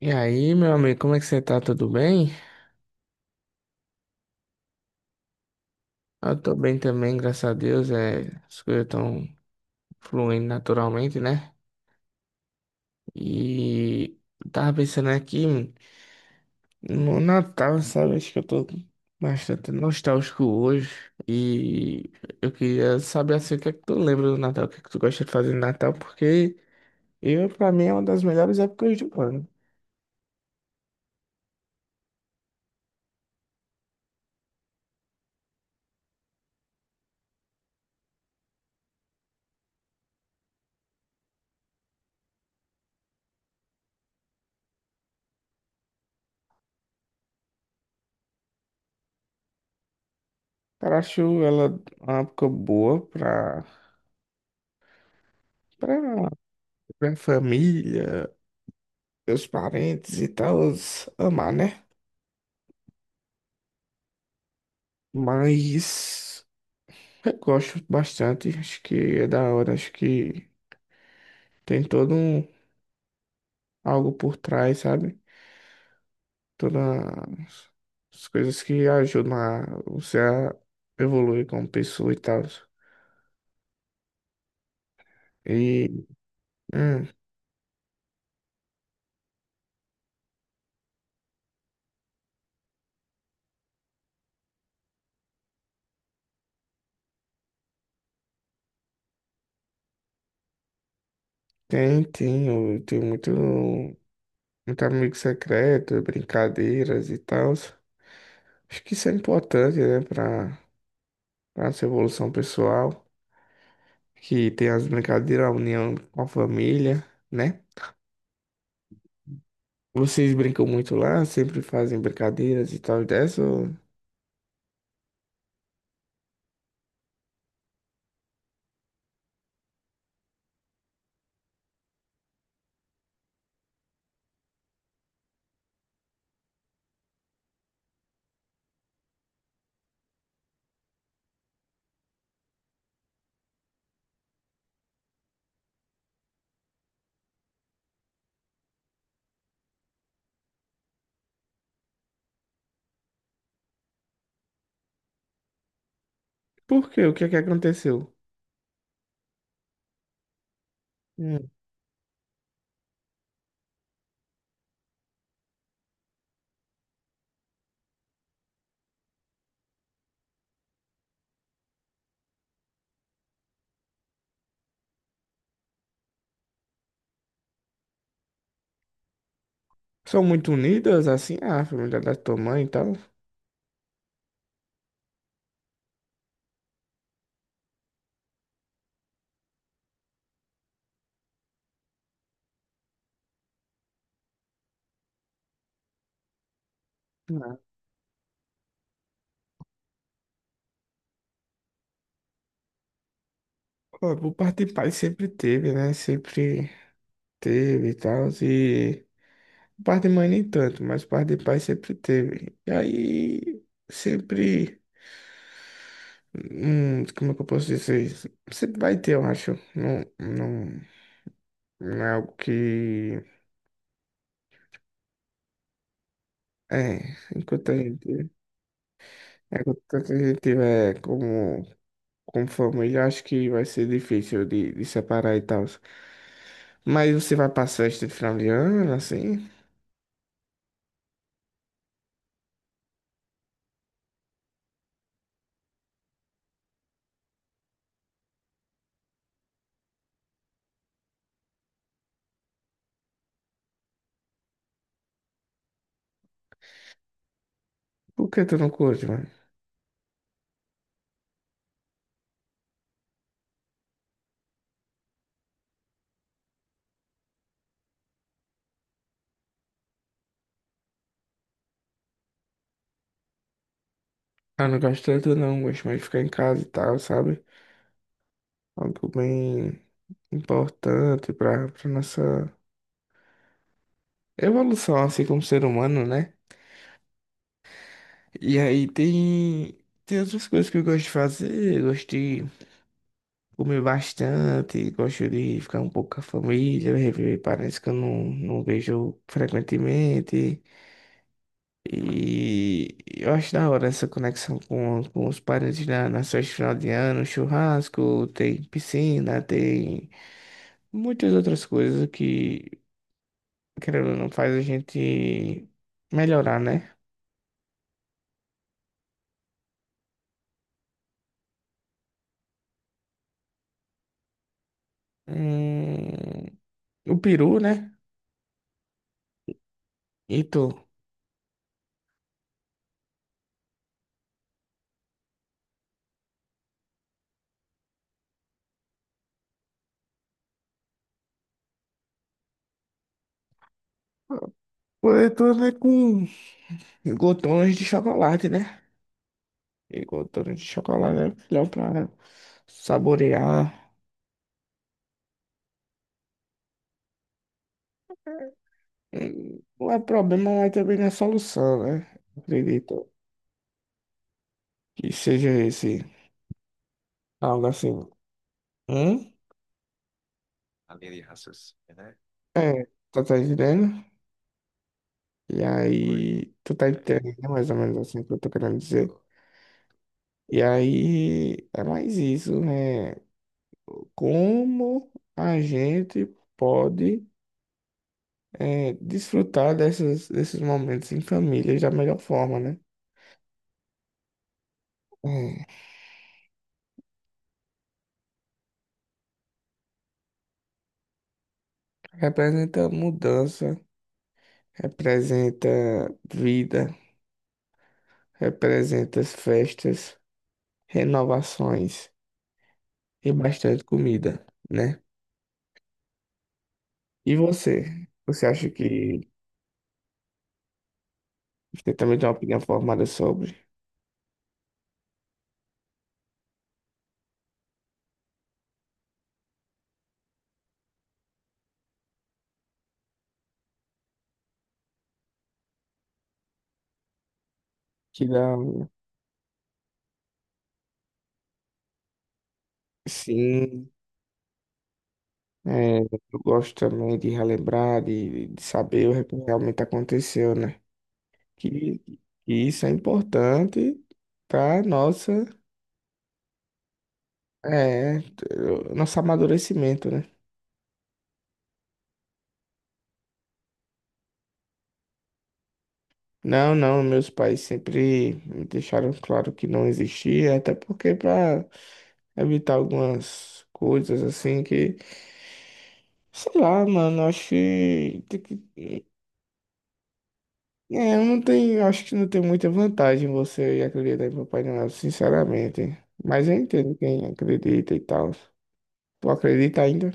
E aí, meu amigo, como é que você tá? Tudo bem? Eu tô bem também, graças a Deus. As coisas estão fluindo naturalmente, né? E eu tava pensando aqui no Natal, sabe? Acho que eu tô bastante nostálgico hoje. E eu queria saber assim, o que é que tu lembra do Natal, o que é que tu gosta de fazer no Natal, porque eu, pra mim, é uma das melhores épocas do ano. Cara, acho ela uma época boa pra, pra família. Meus parentes e tal amar, né? Mas eu gosto bastante, acho que é da hora, acho que tem todo um algo por trás, sabe? Todas as coisas que ajudam a você a evoluir como pessoa e tal. E hum, tem, eu tenho muito, muito amigo secreto, brincadeiras e tal. Acho que isso é importante, né, para nossa evolução pessoal. Que tem as brincadeiras, a união com a família, né? Vocês brincam muito lá, sempre fazem brincadeiras e tal e dessa, ou... Por quê? O que é que aconteceu? Hum. São muito unidas, assim, a família da tua mãe e tal? Não. Pô, por parte de pai sempre teve, né? Sempre teve e tal, e... por parte de mãe nem tanto, mas por parte de pai sempre teve. E aí, sempre... como é que eu posso dizer isso? Sempre vai ter, eu acho. Não, não, não é algo que... É, enquanto a gente tiver como, como família, acho que vai ser difícil de separar e tal. Mas você vai pra festa de final de ano, assim? Por que tu não curte, mano? Ah, não gosto tanto não, gosto mais de ficar em casa e tal, sabe? Algo bem importante pra, pra nossa evolução, assim, como ser humano, né? E aí tem, tem outras coisas que eu gosto de fazer, eu gosto de... Comi bastante, gosto de ficar um pouco com a família, rever parentes que eu não, não vejo frequentemente. E eu acho da hora essa conexão com os parentes na, nas festas de final de ano, churrasco, tem piscina, tem muitas outras coisas que, querendo ou não, faz a gente melhorar, né? Hum, o peru, né? E tu? Pô, eu tô, né, com glotões de chocolate, né? Igual torre de chocolate é melhor pra saborear. É. Não é problema, mas também não é solução, né? Acredito que seja esse. Algo assim. Hum? É, tu tá entendendo? E aí, tu tá entendendo mais ou menos assim o que eu tô querendo dizer. E aí, é mais isso, né? Como a gente pode desfrutar dessas, desses momentos em família da melhor forma, né? É. Representa mudança, representa vida, representa as festas, renovações e bastante comida, né? E você? Você acha que você também tem uma opinião formada sobre? Que dá, sim, é, eu gosto também de relembrar, de saber o que realmente aconteceu, né? Que, que isso é importante para nossa, é, nosso amadurecimento, né? Não, não, meus pais sempre me deixaram claro que não existia, até porque para evitar algumas coisas assim que, sei lá, mano, acho que, tem que... eu não tenho, acho que não tem muita vantagem você acreditar em Papai Noel, sinceramente. Mas eu entendo quem acredita e tal. Tu acredita ainda?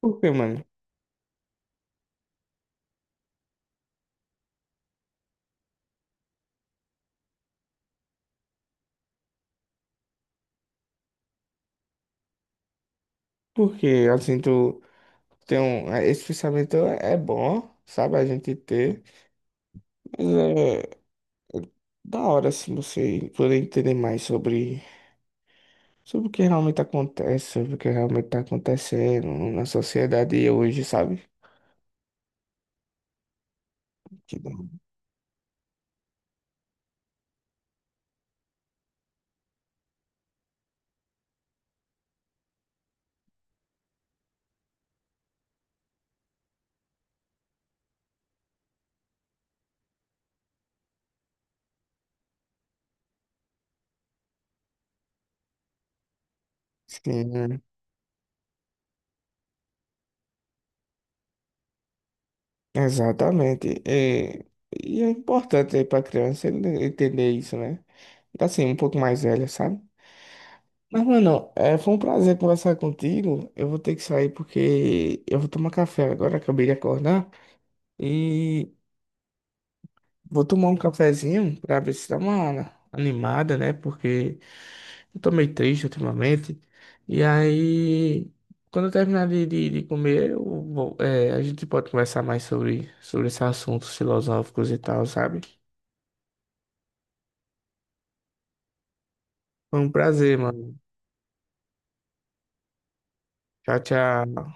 Por quê, mano? Porque assim, tu tem um, é, esse pensamento é bom, sabe, a gente ter. Da hora se você poder entender mais sobre, sobre o que realmente acontece, sobre o que realmente está acontecendo na sociedade hoje, sabe? Que da... Sim, exatamente. É, e é importante para a criança ele entender isso, né? Tá assim, um pouco mais velha, sabe? Mas, mano, é, foi um prazer conversar contigo. Eu vou ter que sair porque eu vou tomar café agora, acabei de acordar. E vou tomar um cafezinho pra ver se dá uma animada, né? Porque... eu tô meio triste ultimamente. E aí, quando eu terminar de comer, eu vou... é, a gente pode conversar mais sobre, sobre esses assuntos filosóficos e tal, sabe? Foi um prazer, mano. Tchau, tchau.